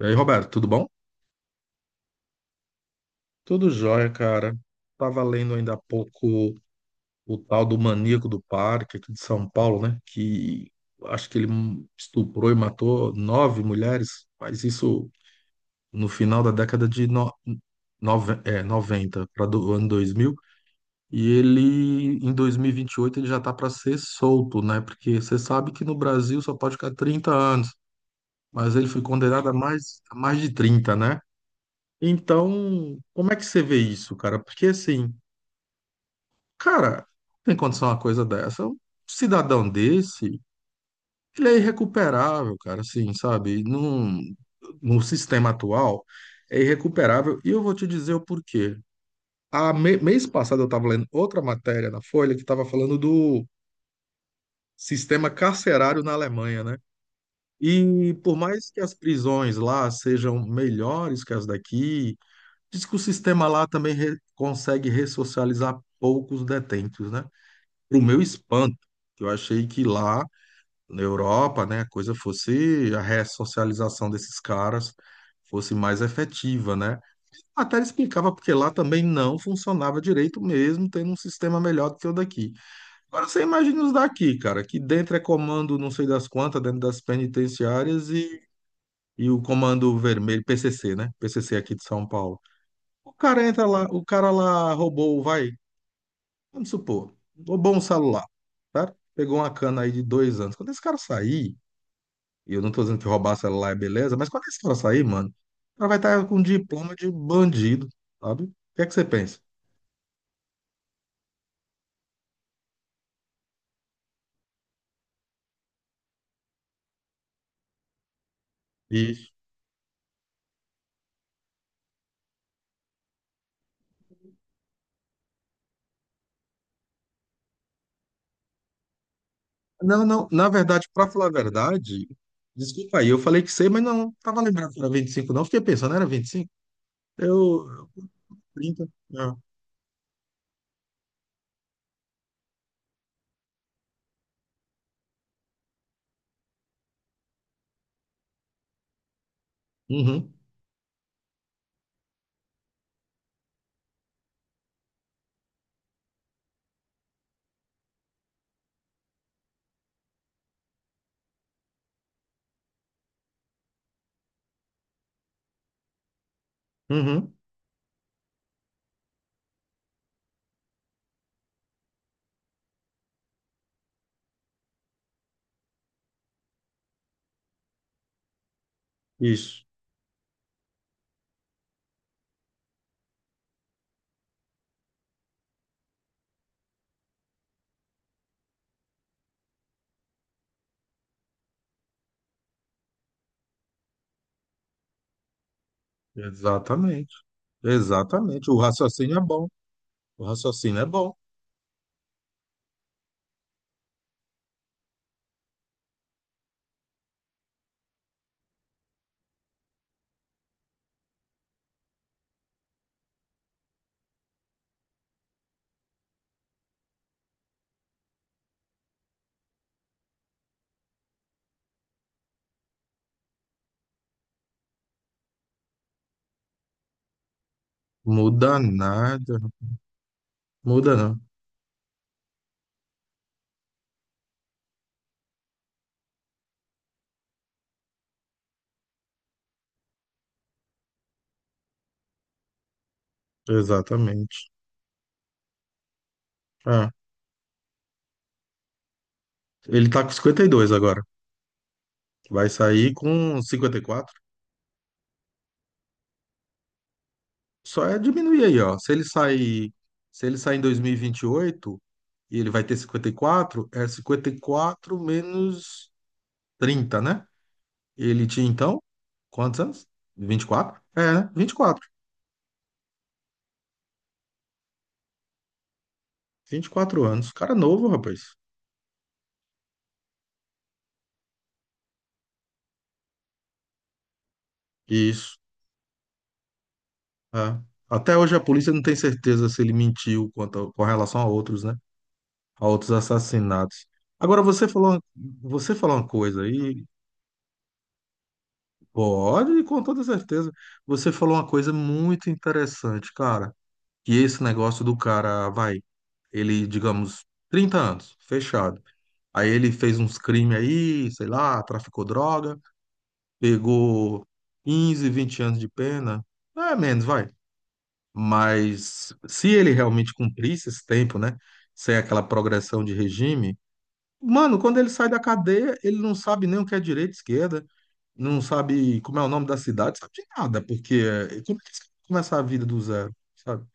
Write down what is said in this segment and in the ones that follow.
E aí, Roberto, tudo bom? Tudo jóia, cara. Tava lendo ainda há pouco o tal do maníaco do parque aqui de São Paulo, né? Que acho que ele estuprou e matou nove mulheres, mas isso no final da década de no... nove- é, 90 para do ano 2000. E ele, em dois mil e vinte e oito, ele já tá para ser solto, né? Porque você sabe que no Brasil só pode ficar 30 anos, mas ele foi condenado a mais de 30, né? Então, como é que você vê isso, cara? Porque assim, cara, tem condição uma coisa dessa. Um cidadão desse, ele é irrecuperável, cara, assim, sabe? No sistema atual, é irrecuperável. E eu vou te dizer o porquê. Mês passado eu estava lendo outra matéria na Folha que estava falando do sistema carcerário na Alemanha, né? E por mais que as prisões lá sejam melhores que as daqui, diz que o sistema lá também consegue ressocializar poucos detentos, né? Para o meu espanto, que eu achei que lá na Europa, né, a coisa fosse a ressocialização desses caras fosse mais efetiva, né? Até ele explicava porque lá também não funcionava direito mesmo, tendo um sistema melhor do que o daqui. Agora você imagina os daqui, cara, que dentro é comando não sei das quantas, dentro das penitenciárias e o comando vermelho, PCC, né? PCC aqui de São Paulo. O cara entra lá, o cara lá roubou, vai, vamos supor, roubou um celular, tá? Pegou uma cana aí de 2 anos. Quando esse cara sair, e eu não tô dizendo que roubar celular é beleza, mas quando esse cara sair, mano, o cara vai estar com um diploma de bandido, sabe? O que é que você pensa? Isso. Não, não, na verdade, pra falar a verdade, desculpa aí, eu falei que sei, mas não, tava lembrando que era 25 não, fiquei pensando, era 25? Eu, 30, ah, uhum, uhum, isso. Exatamente, exatamente. O raciocínio é bom. O raciocínio é bom. Muda nada. Muda não. Exatamente. Ah, ele tá com 52 agora. Vai sair com 54. Só é diminuir aí, ó. Se ele sair, se ele sair em 2028, e ele vai ter 54. É 54 menos 30, né? Ele tinha então quantos anos? 24. É, né? Vinte e quatro anos. Cara novo, rapaz. Isso. É. Até hoje a polícia não tem certeza se ele mentiu com relação a outros, né? A outros assassinatos. Agora você falou, você falou uma coisa aí, pode, com toda certeza. Você falou uma coisa muito interessante, cara. Que esse negócio do cara, vai, ele, digamos, 30 anos, fechado. Aí ele fez uns crimes aí, sei lá, traficou droga, pegou 15, 20 anos de pena. É, menos, vai. Mas se ele realmente cumprisse esse tempo, né? Sem aquela progressão de regime, mano, quando ele sai da cadeia, ele não sabe nem o que é direita, esquerda, não sabe como é o nome da cidade, sabe de nada, porque é, como é que você vai começar a vida do zero, sabe?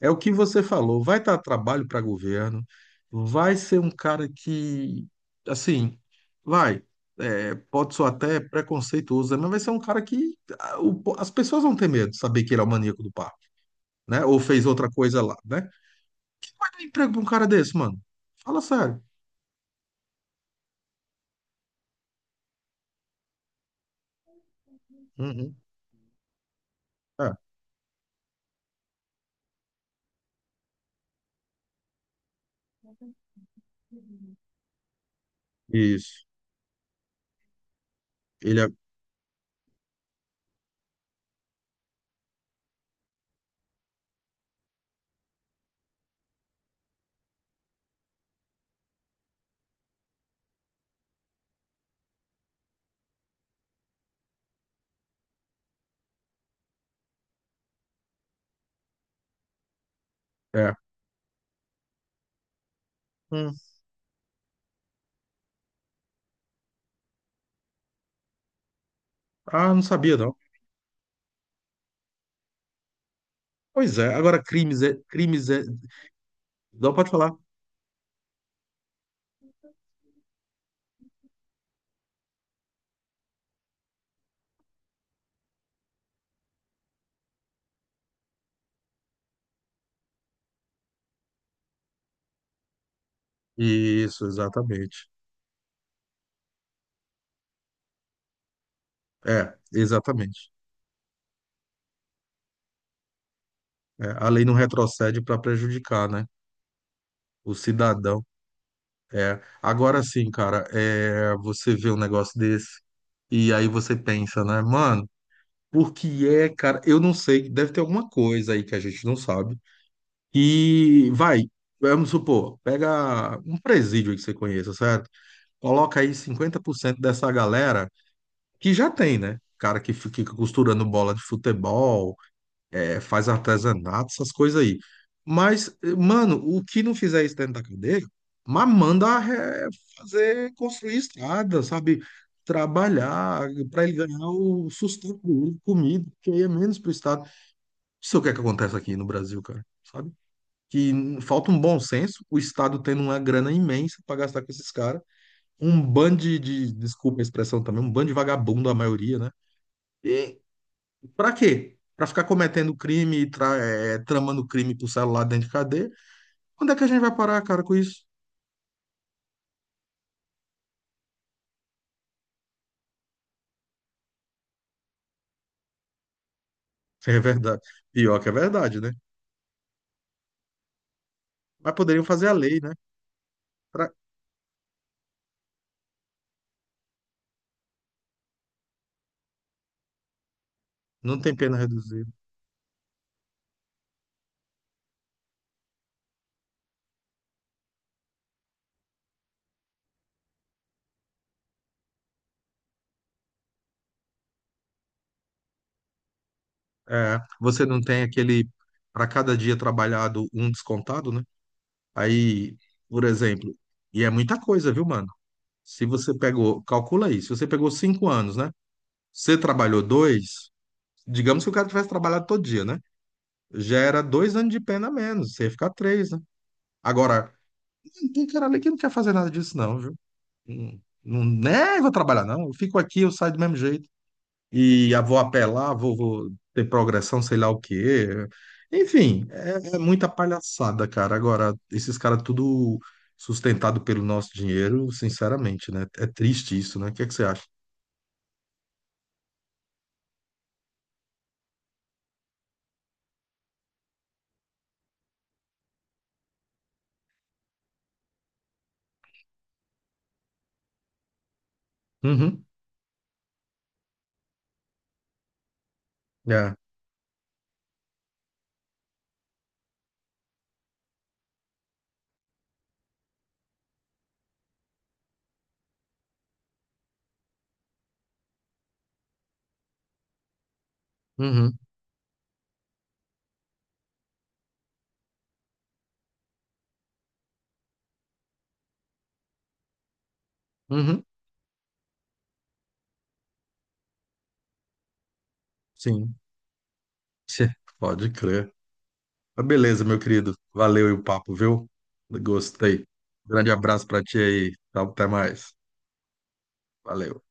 É o que você falou, vai dar trabalho para governo, vai ser um cara que, assim, vai, é, pode soar até preconceituoso, né, mas vai ser um cara que ah, as pessoas vão ter medo de saber que ele é o maníaco do né? Ou fez outra coisa lá, né? Vai dar emprego pra um cara desse, mano. Fala sério. Uhum. É, isso. Ele é. É. Hum. Ah, não sabia, não. Pois é, agora crimes é. Crimes é. Não pode falar. Isso, exatamente. É, exatamente. É, a lei não retrocede para prejudicar, né? O cidadão. É. Agora sim, cara, é, você vê um negócio desse e aí você pensa, né, mano, por que é, cara? Eu não sei, deve ter alguma coisa aí que a gente não sabe. E vai, vamos supor, pega um presídio aí que você conheça, certo? Coloca aí 50% dessa galera que já tem, né? Cara que fica costurando bola de futebol, é, faz artesanato, essas coisas aí. Mas, mano, o que não fizer isso dentro da cadeia, mas manda é, fazer, construir estrada, sabe? Trabalhar para ele ganhar o sustento, comida, que aí é menos pro Estado. Isso é o que é que acontece aqui no Brasil, cara, que falta um bom senso, o Estado tendo uma grana imensa para gastar com esses caras, um bando desculpa a expressão também, um bando de vagabundo, a maioria, né? E para quê? Para ficar cometendo crime e tramando crime pro celular dentro de cadeia? Quando é que a gente vai parar, cara, com isso? É verdade. Pior que é verdade, né? Mas poderiam fazer a lei, né? Pra- Não tem pena reduzida. É, você não tem aquele, para cada dia trabalhado, um descontado, né? Aí, por exemplo, e é muita coisa, viu, mano? Se você pegou, calcula aí, se você pegou 5 anos, né? Você trabalhou dois, digamos que o cara tivesse trabalhado todo dia, né? Já era 2 anos de pena a menos, você ia ficar três, né? Agora, tem cara ali que não quer fazer nada disso, não, viu? Não, não, né, vou trabalhar, não. Eu fico aqui, eu saio do mesmo jeito. E vou apelar, vou ter progressão, sei lá o quê. Enfim, é muita palhaçada, cara. Agora, esses caras tudo sustentado pelo nosso dinheiro, sinceramente, né? É triste isso, né? O que é que você acha? Uhum. É. Uhum. Uhum. Sim. Tchê, pode crer. Mas beleza, meu querido. Valeu aí o papo, viu? Gostei. Grande abraço pra ti aí. Até mais. Valeu.